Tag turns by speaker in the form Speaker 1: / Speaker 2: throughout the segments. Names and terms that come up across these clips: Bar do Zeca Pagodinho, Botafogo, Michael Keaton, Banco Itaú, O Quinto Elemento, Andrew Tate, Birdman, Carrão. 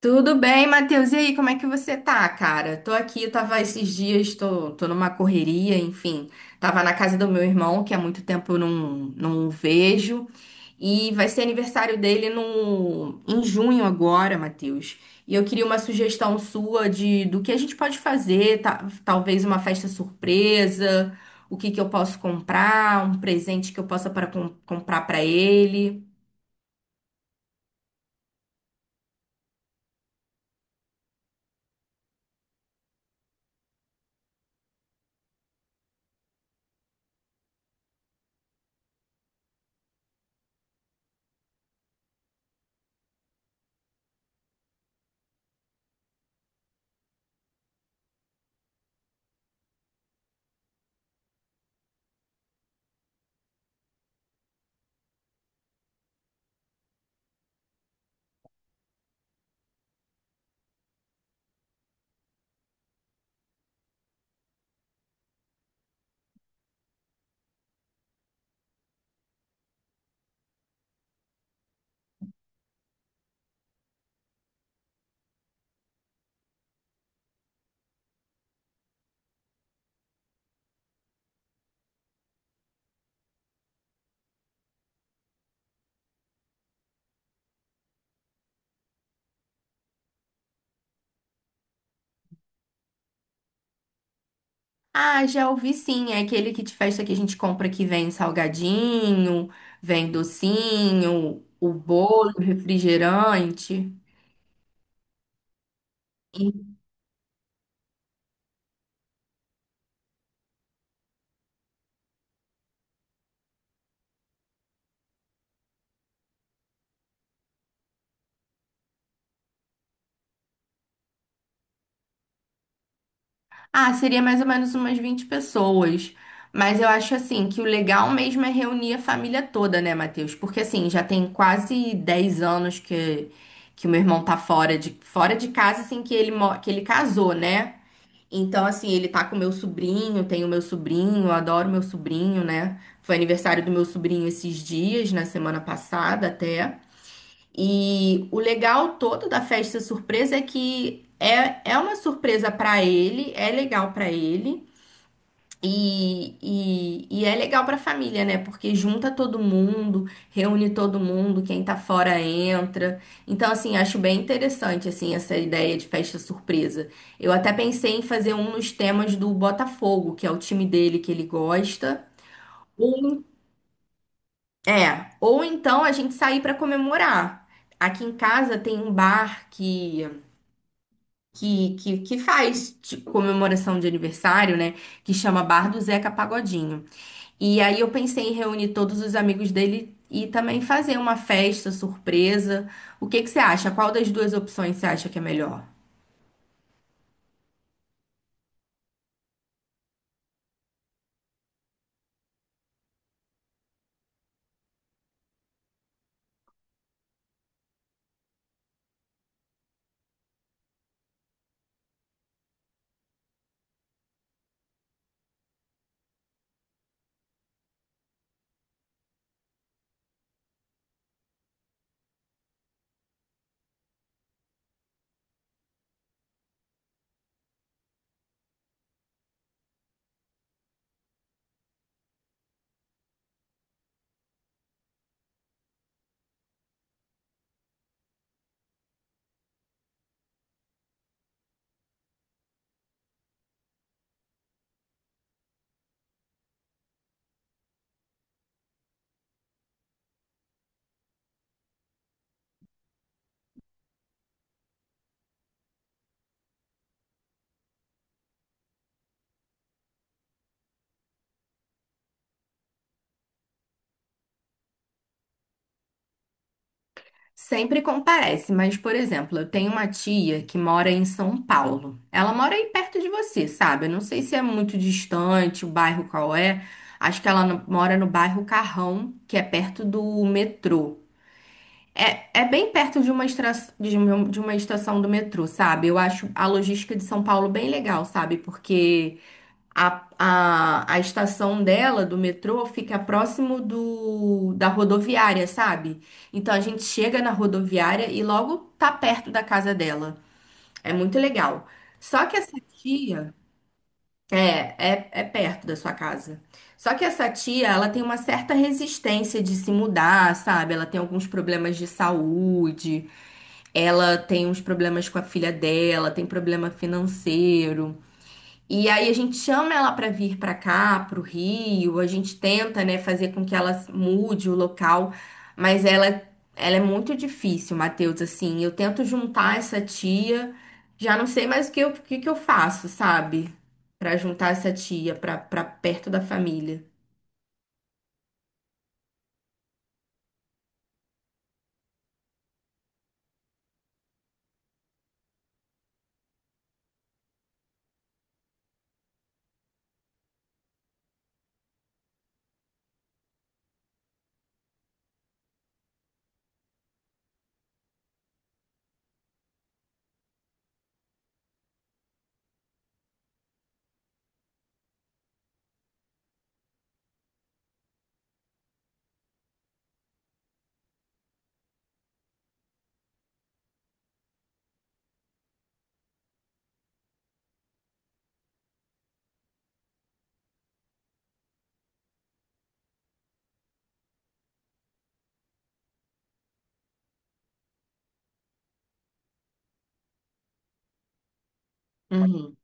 Speaker 1: Tudo bem, Matheus? E aí, como é que você tá, cara? Tô aqui, tava esses dias, tô numa correria, enfim. Tava na casa do meu irmão, que há muito tempo eu não o vejo. E vai ser aniversário dele no, em junho agora, Matheus. E eu queria uma sugestão sua de do que a gente pode fazer, talvez uma festa surpresa, o que que eu posso comprar, um presente que eu possa para comprar para ele. Ah, já ouvi sim. É aquele kit festa que a gente compra que vem salgadinho, vem docinho, o bolo, o refrigerante. E- Ah, seria mais ou menos umas 20 pessoas. Mas eu acho assim que o legal mesmo é reunir a família toda, né, Matheus? Porque assim, já tem quase 10 anos que o meu irmão tá fora de casa assim que que ele casou, né? Então, assim, ele tá com meu sobrinho, tem o meu sobrinho, eu adoro meu sobrinho, né? Foi aniversário do meu sobrinho esses dias, na semana passada até. E o legal todo da festa surpresa é que é uma surpresa pra ele, é legal pra ele. E é legal para a família, né? Porque junta todo mundo, reúne todo mundo, quem tá fora entra. Então, assim, acho bem interessante, assim, essa ideia de festa surpresa. Eu até pensei em fazer um nos temas do Botafogo, que é o time dele que ele gosta. Ou, ou então a gente sair para comemorar. Aqui em casa tem um bar que faz tipo, comemoração de aniversário, né? Que chama Bar do Zeca Pagodinho. E aí eu pensei em reunir todos os amigos dele e também fazer uma festa surpresa. O que que você acha? Qual das duas opções você acha que é melhor? Sempre comparece, mas, por exemplo, eu tenho uma tia que mora em São Paulo. Ela mora aí perto de você, sabe? Eu não sei se é muito distante o bairro qual é. Acho que ela no- mora no bairro Carrão, que é perto do metrô. É, é bem perto de uma, estra- de um- de uma estação do metrô, sabe? Eu acho a logística de São Paulo bem legal, sabe? Porque a estação dela, do metrô, fica próximo da rodoviária, sabe? Então a gente chega na rodoviária e logo tá perto da casa dela. É muito legal. Só que essa tia. É, é, é perto da sua casa. Só que essa tia, ela tem uma certa resistência de se mudar, sabe? Ela tem alguns problemas de saúde. Ela tem uns problemas com a filha dela, tem problema financeiro. E aí a gente chama ela para vir para cá, pro Rio, a gente tenta, né, fazer com que ela mude o local, mas ela é muito difícil, Matheus, assim. Eu tento juntar essa tia, já não sei mais o que que eu faço, sabe? Para juntar essa tia para perto da família. Uhum.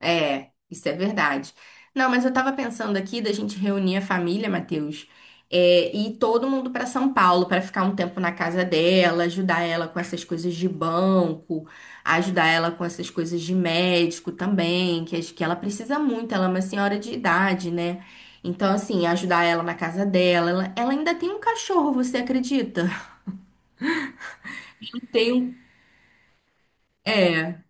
Speaker 1: É, isso é verdade. Não, mas eu tava pensando aqui da gente reunir a família, Matheus, e ir todo mundo pra São Paulo pra ficar um tempo na casa dela, ajudar ela com essas coisas de banco, ajudar ela com essas coisas de médico também, que acho que ela precisa muito, ela é uma senhora de idade, né? Então, assim, ajudar ela na casa dela. Ela ainda tem um cachorro, você acredita? Tem um. É.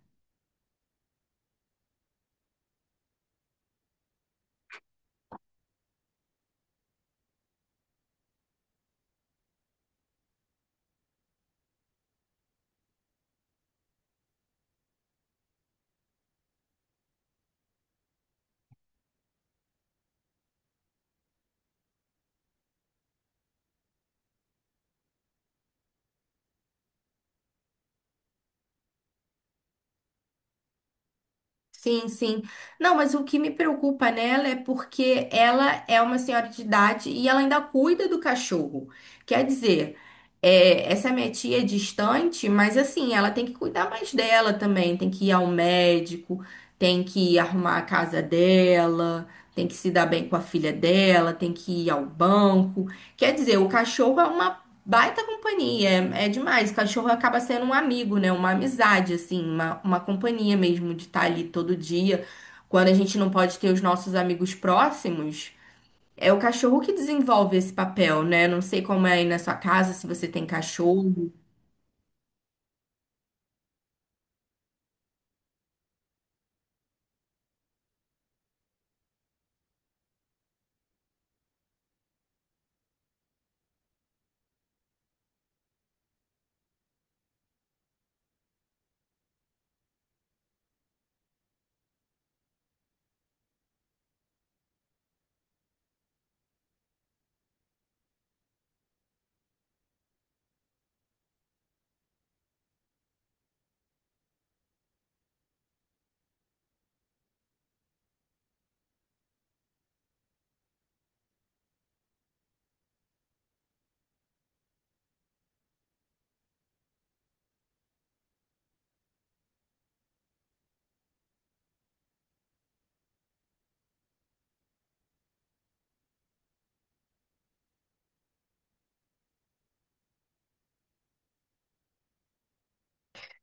Speaker 1: Sim, sim. Não, mas o que me preocupa nela é porque ela é uma senhora de idade e ela ainda cuida do cachorro. Quer dizer, essa é minha tia é distante, mas assim, ela tem que cuidar mais dela também. Tem que ir ao médico, tem que arrumar a casa dela, tem que se dar bem com a filha dela, tem que ir ao banco. Quer dizer, o cachorro é uma baita companhia, é é demais. Cachorro acaba sendo um amigo, né? Uma amizade, assim, uma companhia mesmo de estar ali todo dia. Quando a gente não pode ter os nossos amigos próximos, é o cachorro que desenvolve esse papel, né? Não sei como é aí na sua casa, se você tem cachorro.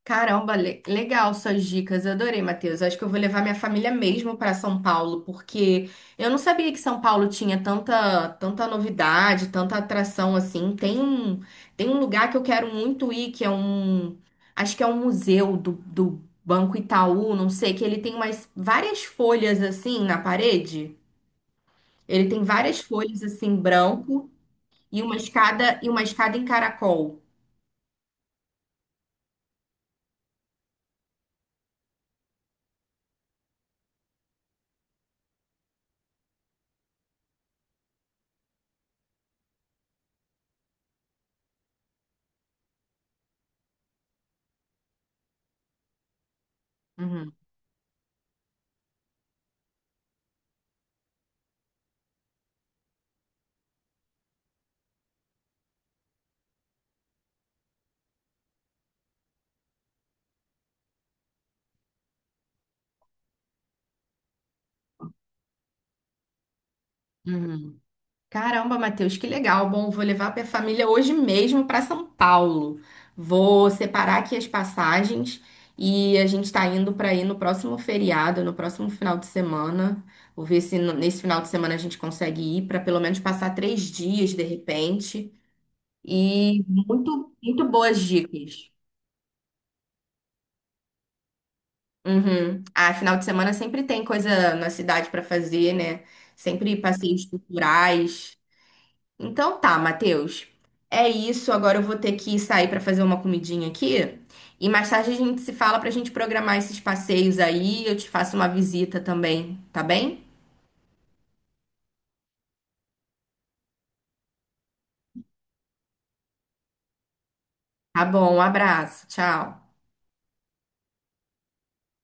Speaker 1: Caramba, legal suas dicas, eu adorei, Matheus. Acho que eu vou levar minha família mesmo para São Paulo, porque eu não sabia que São Paulo tinha tanta, tanta novidade, tanta atração assim. Tem um lugar que eu quero muito ir, que é acho que é um museu do Banco Itaú, não sei, que ele tem umas várias folhas assim na parede. Ele tem várias folhas assim branco e uma escada em caracol. Uhum. Uhum. Caramba, Matheus, que legal. Bom, vou levar minha família hoje mesmo para São Paulo. Vou separar aqui as passagens e a gente está indo para ir no próximo feriado, no próximo final de semana. Vou ver se nesse final de semana a gente consegue ir para pelo menos passar 3 dias de repente. E muito, muito boas dicas. Uhum. Ah, final de semana sempre tem coisa na cidade para fazer, né? Sempre passeios culturais. Então tá, Matheus. É isso. Agora eu vou ter que sair pra fazer uma comidinha aqui. E mais tarde a gente se fala pra gente programar esses passeios aí. Eu te faço uma visita também, tá bem? Tá bom, um abraço. Tchau.